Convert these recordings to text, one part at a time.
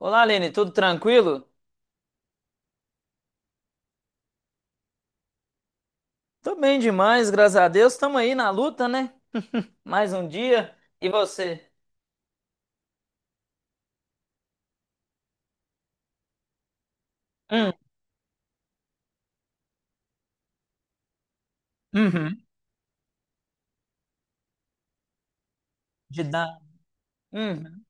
Olá, Aline, tudo tranquilo? Tô bem demais, graças a Deus. Estamos aí na luta, né? Mais um dia. E você? Hum, uhum. De dar. Uhum.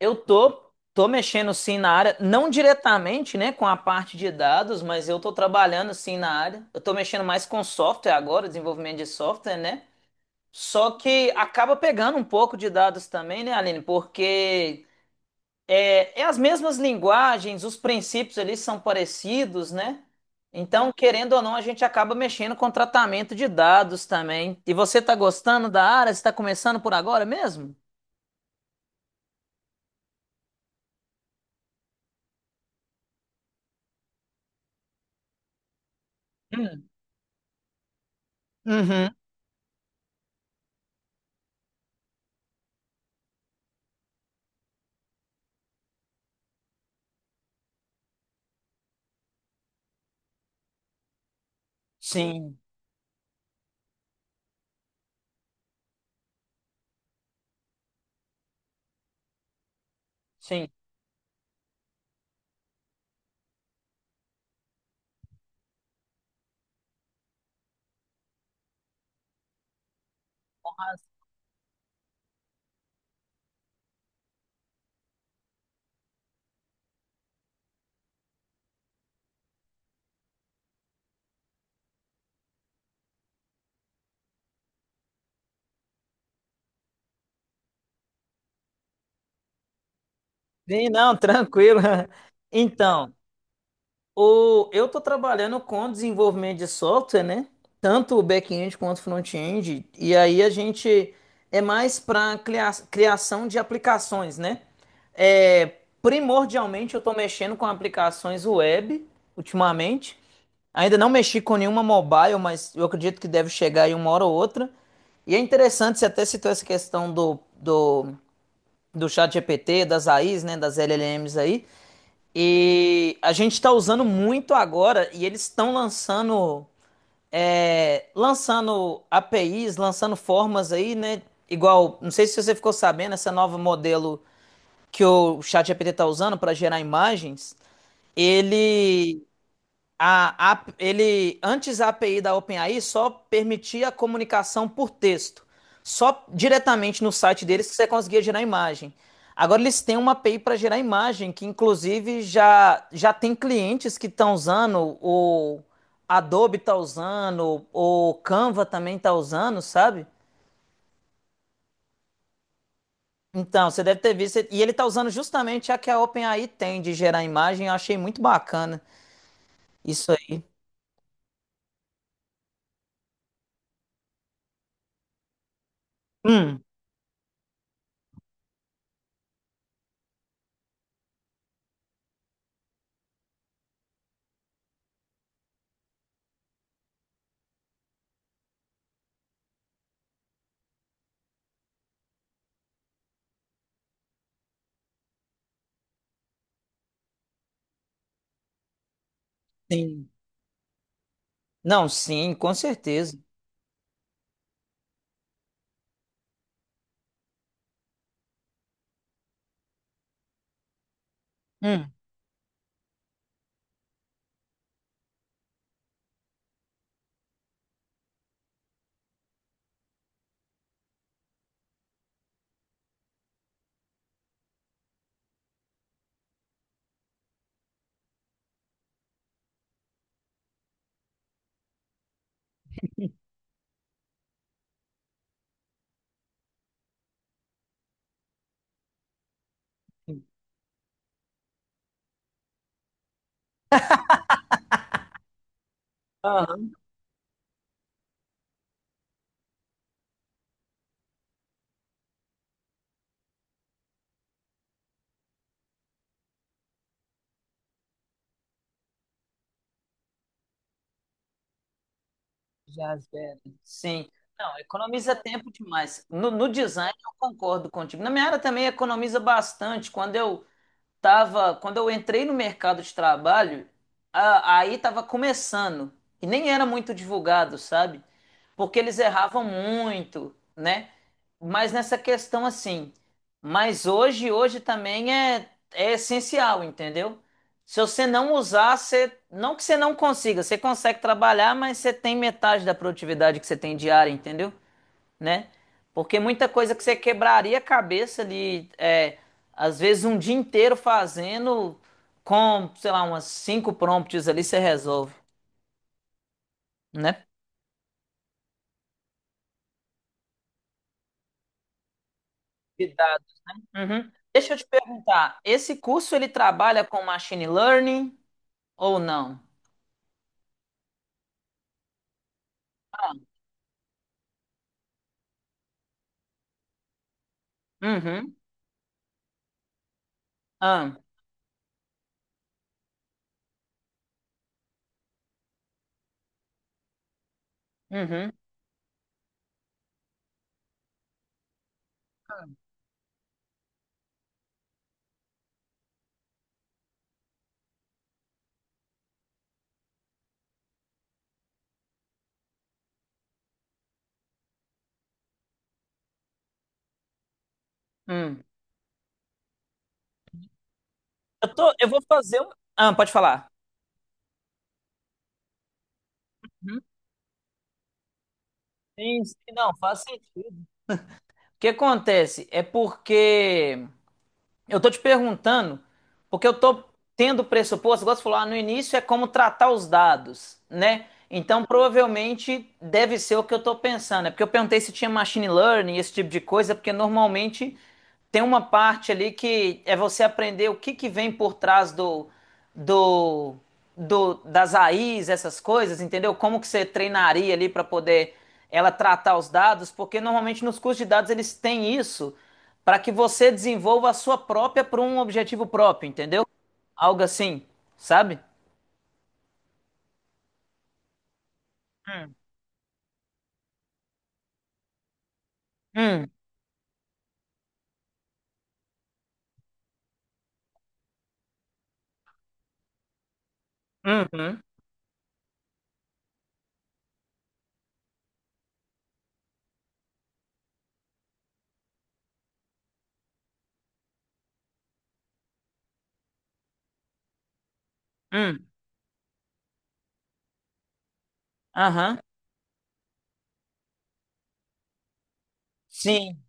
Eu tô mexendo sim na área, não diretamente, né, com a parte de dados, mas eu tô trabalhando sim na área. Eu tô mexendo mais com software agora, desenvolvimento de software, né? Só que acaba pegando um pouco de dados também, né, Aline? Porque é as mesmas linguagens, os princípios ali são parecidos, né? Então, querendo ou não, a gente acaba mexendo com tratamento de dados também. E você está gostando da área? Você está começando por agora mesmo? Hum. Uhum. Sim, sim. Sim, não, tranquilo. Então, eu estou trabalhando com desenvolvimento de software, né? Tanto o back-end quanto o front-end. E aí a gente é mais para criação de aplicações, né? É, primordialmente eu estou mexendo com aplicações web ultimamente. Ainda não mexi com nenhuma mobile, mas eu acredito que deve chegar aí uma hora ou outra. E é interessante, você até citou essa questão do chat GPT, das AIs, né? Das LLMs aí. E a gente está usando muito agora e eles estão lançando, lançando APIs, lançando formas aí, né? Igual, não sei se você ficou sabendo, essa nova modelo que o ChatGPT está usando para gerar imagens, ele ele, antes a API da OpenAI só permitia a comunicação por texto, só diretamente no site deles que você conseguia gerar imagem. Agora eles têm uma API para gerar imagem, que inclusive já tem clientes que estão usando, o Adobe está usando, o Canva também está usando, sabe? Então, você deve ter visto, e ele está usando justamente a que a OpenAI tem de gerar imagem, eu achei muito bacana isso aí. Hum, sim. Não, sim, com certeza. Hum. Aham. Já as veras. Sim. Não, economiza tempo demais. No design eu concordo contigo. Na minha área também economiza bastante. Quando eu entrei no mercado de trabalho, aí estava começando e nem era muito divulgado, sabe? Porque eles erravam muito, né? Mas nessa questão assim, mas hoje, hoje também é essencial, entendeu? Se você não usar, você, não que você não consiga, você consegue trabalhar, mas você tem metade da produtividade que você tem diária, entendeu? Né? Porque muita coisa que você quebraria a cabeça ali, às vezes um dia inteiro fazendo, com, sei lá, umas cinco prompts ali, você resolve, né? Uhum. Deixa eu te perguntar, esse curso ele trabalha com machine learning ou não? Ah, uhum, ah, uhum, hum. Eu vou fazer um. Ah, pode falar. Sim, sim, não, faz sentido. O que acontece é porque eu tô te perguntando, porque eu tô tendo pressuposto, igual você falou, ah, no início é como tratar os dados, né? Então provavelmente deve ser o que eu tô pensando. É porque eu perguntei se tinha machine learning, esse tipo de coisa, porque normalmente tem uma parte ali que é você aprender o que que vem por trás do, do das AIs, essas coisas, entendeu? Como que você treinaria ali para poder ela tratar os dados, porque normalmente nos cursos de dados eles têm isso para que você desenvolva a sua própria para um objetivo próprio, entendeu? Algo assim, sabe? Hum, hum, uhum, hum, aham. Sim,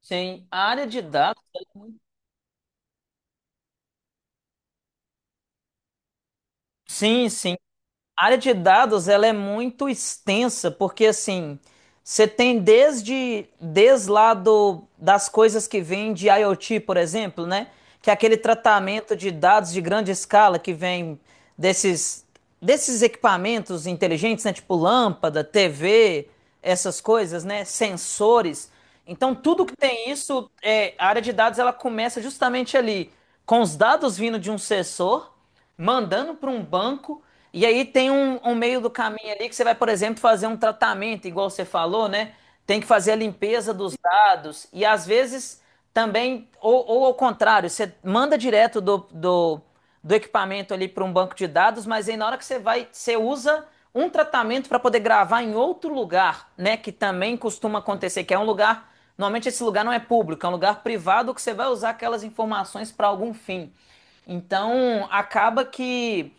sim. A área de dados. Sim, sim. A área de dados ela é muito extensa, porque assim, você tem desde lá das coisas que vêm de IoT, por exemplo, né? Que é aquele tratamento de dados de grande escala que vem desses, desses equipamentos inteligentes, né? Tipo lâmpada, TV, essas coisas, né? Sensores. Então, tudo que tem isso, a área de dados ela começa justamente ali, com os dados vindo de um sensor mandando para um banco, e aí tem um meio do caminho ali que você vai, por exemplo, fazer um tratamento, igual você falou, né? Tem que fazer a limpeza dos dados, e às vezes também, ou ao contrário, você manda direto do equipamento ali para um banco de dados, mas aí na hora que você vai, você usa um tratamento para poder gravar em outro lugar, né? Que também costuma acontecer, que é um lugar. Normalmente esse lugar não é público, é um lugar privado que você vai usar aquelas informações para algum fim. Então, acaba que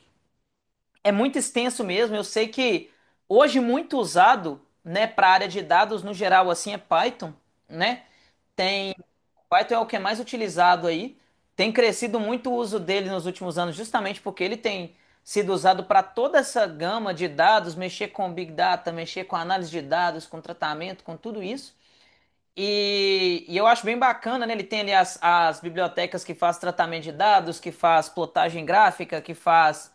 é muito extenso mesmo. Eu sei que hoje muito usado, né, para área de dados no geral assim é Python, né? Python é o que é mais utilizado aí. Tem crescido muito o uso dele nos últimos anos, justamente porque ele tem sido usado para toda essa gama de dados, mexer com Big Data, mexer com análise de dados, com tratamento, com tudo isso. E eu acho bem bacana, né? Ele tem ali as bibliotecas que faz tratamento de dados, que faz plotagem gráfica, que faz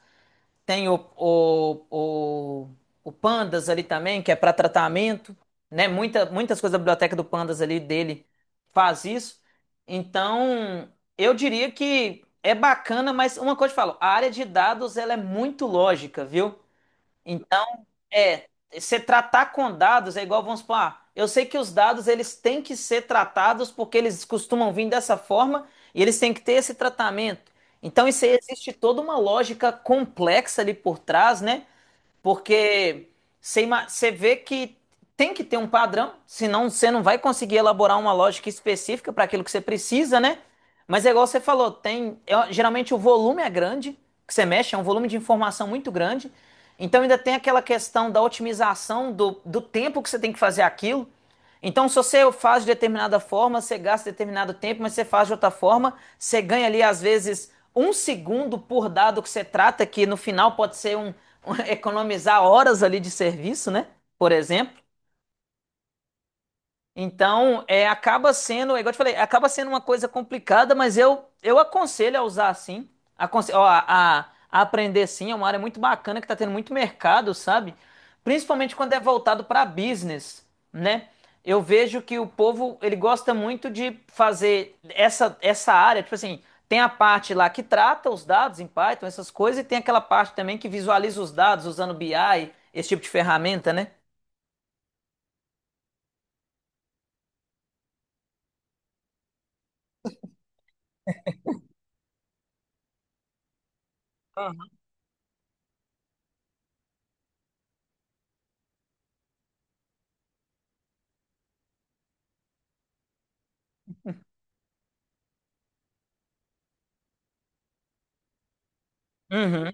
Tem o, o Pandas ali também, que é para tratamento, né? Muitas coisas da biblioteca do Pandas ali dele faz isso. Então, eu diria que é bacana, mas uma coisa eu te falo, a área de dados ela é muito lógica, viu? É, você tratar com dados é igual, vamos supor, ah, eu sei que os dados eles têm que ser tratados porque eles costumam vir dessa forma e eles têm que ter esse tratamento. Então, isso aí existe toda uma lógica complexa ali por trás, né? Porque você vê que tem que ter um padrão, senão você não vai conseguir elaborar uma lógica específica para aquilo que você precisa, né? Mas é igual você falou, tem, geralmente o volume é grande, que você mexe, é um volume de informação muito grande. Então ainda tem aquela questão da otimização do tempo que você tem que fazer aquilo. Então, se você faz de determinada forma, você gasta determinado tempo, mas você faz de outra forma, você ganha ali, às vezes, um segundo por dado que você trata, que no final pode ser um, economizar horas ali de serviço, né? Por exemplo. Então, acaba sendo, é igual eu te falei, acaba sendo uma coisa complicada, mas eu aconselho a usar sim, aconselho, ó, a aprender sim, é uma área muito bacana que está tendo muito mercado, sabe? Principalmente quando é voltado para business, né? Eu vejo que o povo, ele gosta muito de fazer essa área, tipo assim, tem a parte lá que trata os dados em Python, essas coisas, e tem aquela parte também que visualiza os dados usando BI, esse tipo de ferramenta, né? Uhum,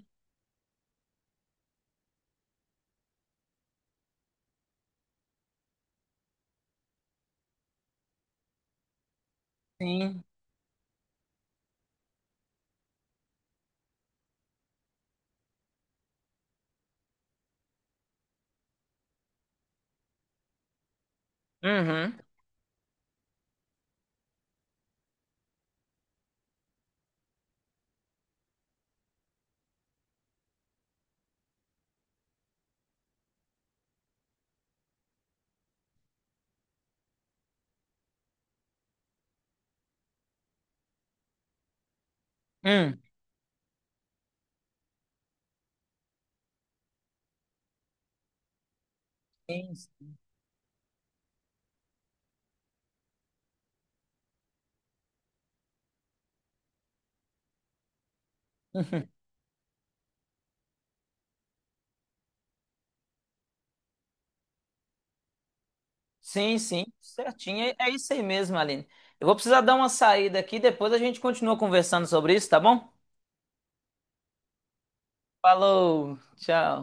sim. Uhum. Uhum. Sim, sim, sim, certinho. É isso aí mesmo, Aline. Eu vou precisar dar uma saída aqui, depois a gente continua conversando sobre isso, tá bom? Falou, tchau.